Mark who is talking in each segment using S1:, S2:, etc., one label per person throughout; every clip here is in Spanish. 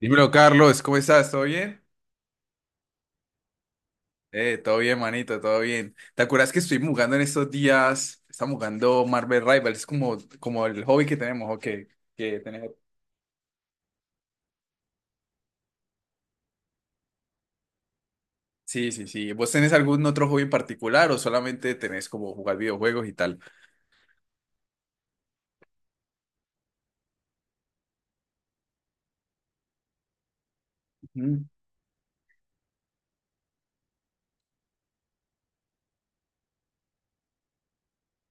S1: Dímelo, Carlos, ¿cómo estás? ¿Todo bien? Todo bien, manito, todo bien. ¿Te acuerdas que estuvimos jugando en estos días? Estamos jugando Marvel Rivals, es como el hobby que tenemos, ¿o qué? Que tenés- Sí, sí, sí. ¿Vos tenés algún otro hobby en particular o solamente tenés como jugar videojuegos y tal? Ujú.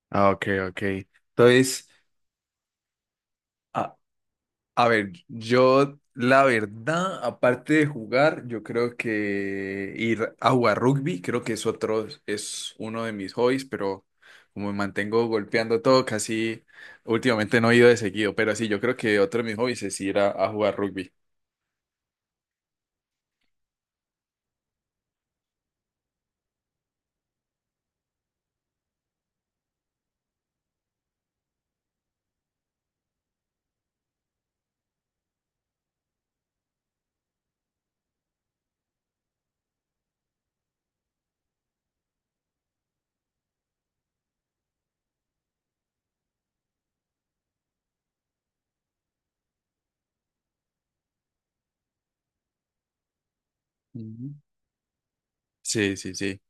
S1: Ah, ok, ok. Entonces, ah, a ver, yo la verdad, aparte de jugar, yo creo que ir a jugar rugby, creo que es otro, es uno de mis hobbies, pero como me mantengo golpeando todo, casi últimamente no he ido de seguido, pero sí, yo creo que otro de mis hobbies es ir a jugar rugby. Ujú. Sí, sí, sí.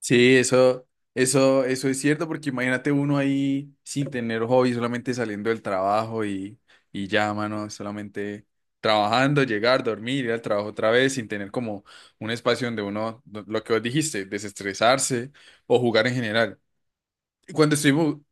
S1: Sí, eso es cierto, porque imagínate uno ahí sin tener hobby, solamente saliendo del trabajo y ya, mano, solamente trabajando, llegar, dormir, ir al trabajo otra vez, sin tener como un espacio donde uno, lo que vos dijiste, desestresarse o jugar en general. Y cuando estoy... bu-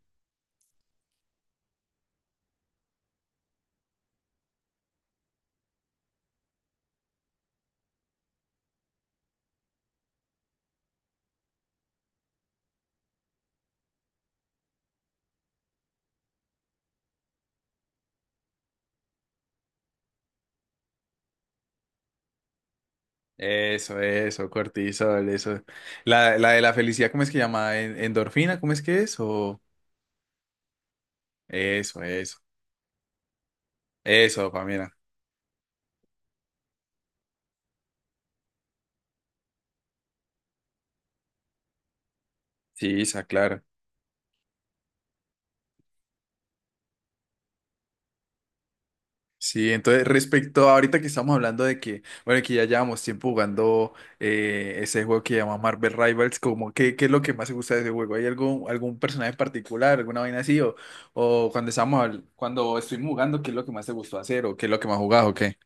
S1: Eso, cortisol, eso. La de la felicidad, ¿cómo es que llama? ¿En- ¿Endorfina? ¿Cómo es que es? O eso, eso, eso, dopamina. Sí, esa, claro. Sí, entonces respecto a ahorita que estamos hablando de que, bueno, que ya llevamos tiempo jugando ese juego que llama Marvel Rivals, como, ¿qué, qué es lo que más te gusta de ese juego? ¿Hay algún, algún personaje en particular, alguna vaina así? O cuando estamos, cuando estuvimos jugando, ¿qué es lo que más te gustó hacer? ¿O qué es lo que más jugás o qué?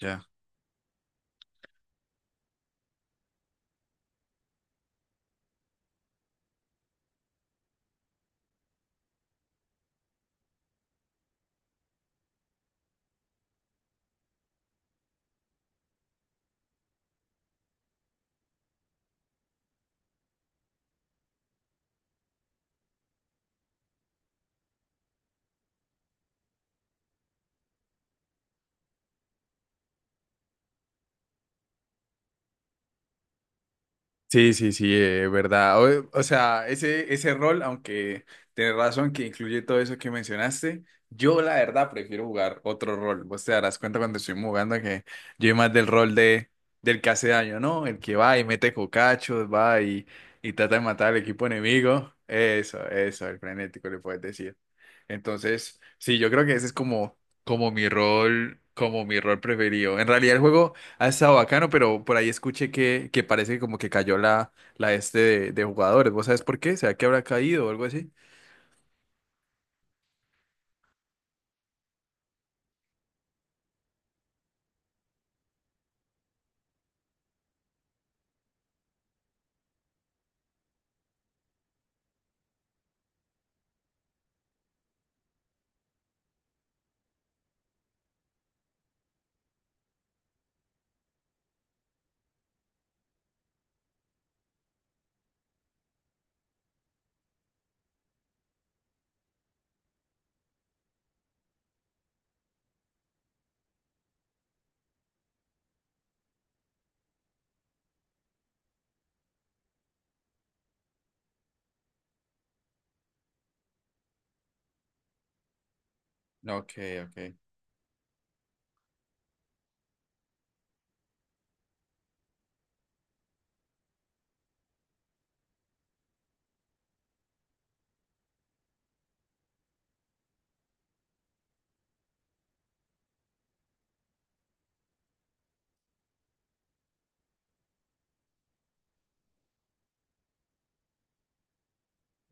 S1: Ya. Sí, sí, sí, verdad. O sea, ese rol, aunque tenés razón que incluye todo eso que mencionaste, yo la verdad prefiero jugar otro rol. Vos te darás cuenta cuando estoy jugando que yo soy más del rol de, del que hace daño, ¿no? El que va y mete cocachos, va y trata de matar al equipo enemigo. Eso, el frenético le puedes decir. Entonces, sí, yo creo que ese es como, como mi rol preferido. En realidad el juego... ha estado bacano, pero por ahí escuché que parece que como que cayó la, la este de jugadores. ¿Vos sabés por qué? ¿Será que habrá caído o algo así? Ok, ok.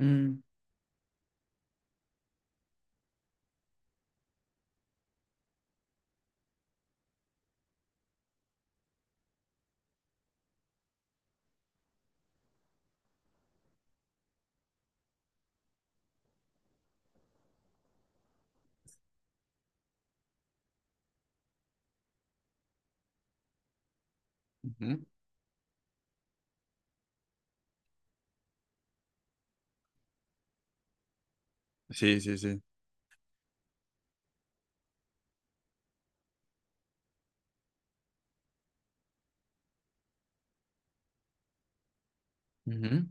S1: Mm, ujú. Sí, sí, sí. Ujú.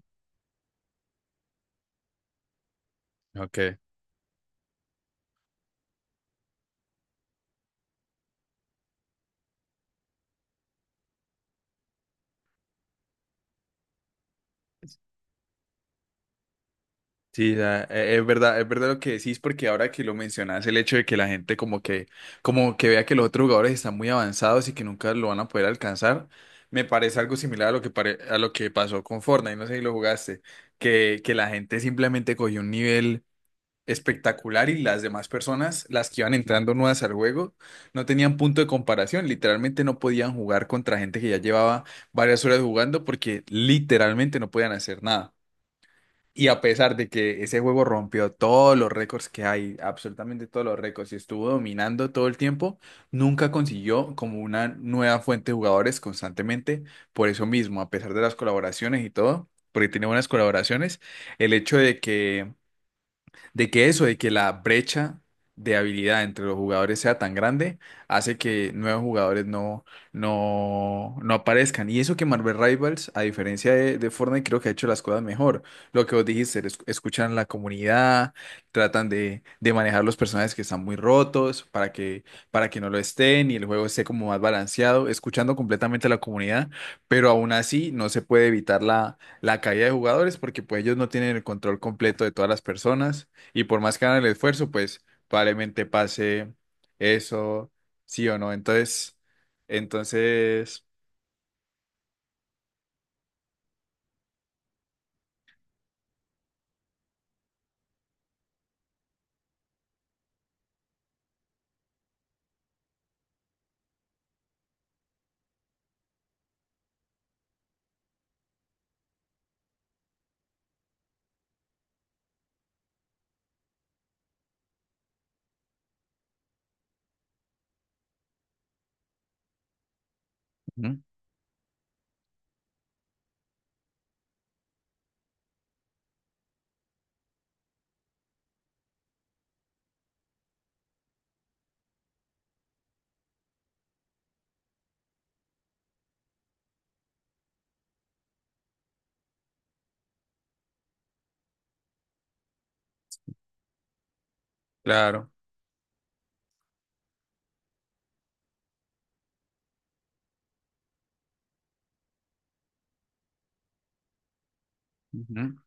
S1: Ok. Sí, la- e- es verdad lo que decís, porque ahora que lo mencionás, el hecho de que la gente como que vea que los otros jugadores están muy avanzados y que nunca lo van a poder alcanzar, me parece algo similar a lo que pare- a lo que pasó con Fortnite, no sé si lo jugaste, que la gente simplemente cogió un nivel espectacular y las demás personas, las que iban entrando nuevas al juego, no tenían punto de comparación. Literalmente no podían jugar contra gente que ya llevaba varias horas jugando porque literalmente no podían hacer nada. Y a pesar de que ese juego rompió todos los récords que hay, absolutamente todos los récords, y estuvo dominando todo el tiempo, nunca consiguió como una nueva fuente de jugadores constantemente. Por eso mismo, a pesar de las colaboraciones y todo, porque tiene buenas colaboraciones, el hecho de que eso, de que la brecha de habilidad entre los jugadores sea tan grande, hace que nuevos jugadores no aparezcan. Y eso que Marvel Rivals, a diferencia de Fortnite, creo que ha hecho las cosas mejor. Lo que vos dijiste, es- escuchan a la comunidad, tratan de manejar los personajes que están muy rotos para que no lo estén y el juego esté como más balanceado, escuchando completamente a la comunidad, pero aún así no se puede evitar la caída de jugadores porque pues ellos no tienen el control completo de todas las personas y por más que hagan el esfuerzo, pues probablemente pase eso, sí o no. Entonces, entonces, ujú, claro. Ujú.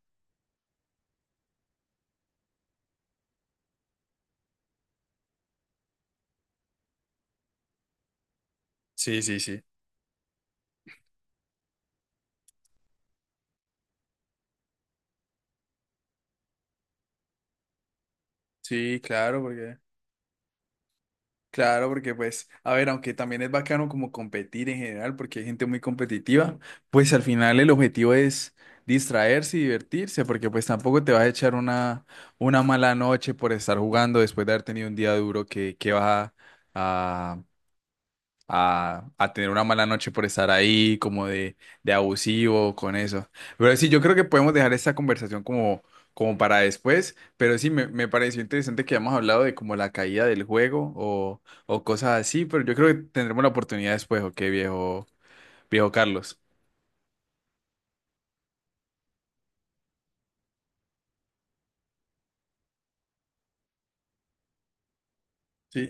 S1: Sí, sí, sí. Sí, claro, porque pues, a ver, aunque también es bacano como competir en general, porque hay gente muy competitiva, pues al final el objetivo es distraerse y divertirse, porque pues tampoco te vas a echar una mala noche por estar jugando después de haber tenido un día duro que vas a, a tener una mala noche por estar ahí, como de abusivo con eso. Pero sí, yo creo que podemos dejar esta conversación como, como para después, pero sí, me pareció interesante que hayamos hablado de como la caída del juego o cosas así, pero yo creo que tendremos la oportunidad después, ¿ok, viejo, viejo Carlos? Sí,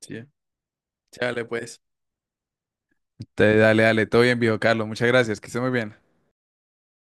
S1: sí. Dale pues. Te dale, dale, todo bien, viejo Carlos, muchas gracias, que esté muy bien.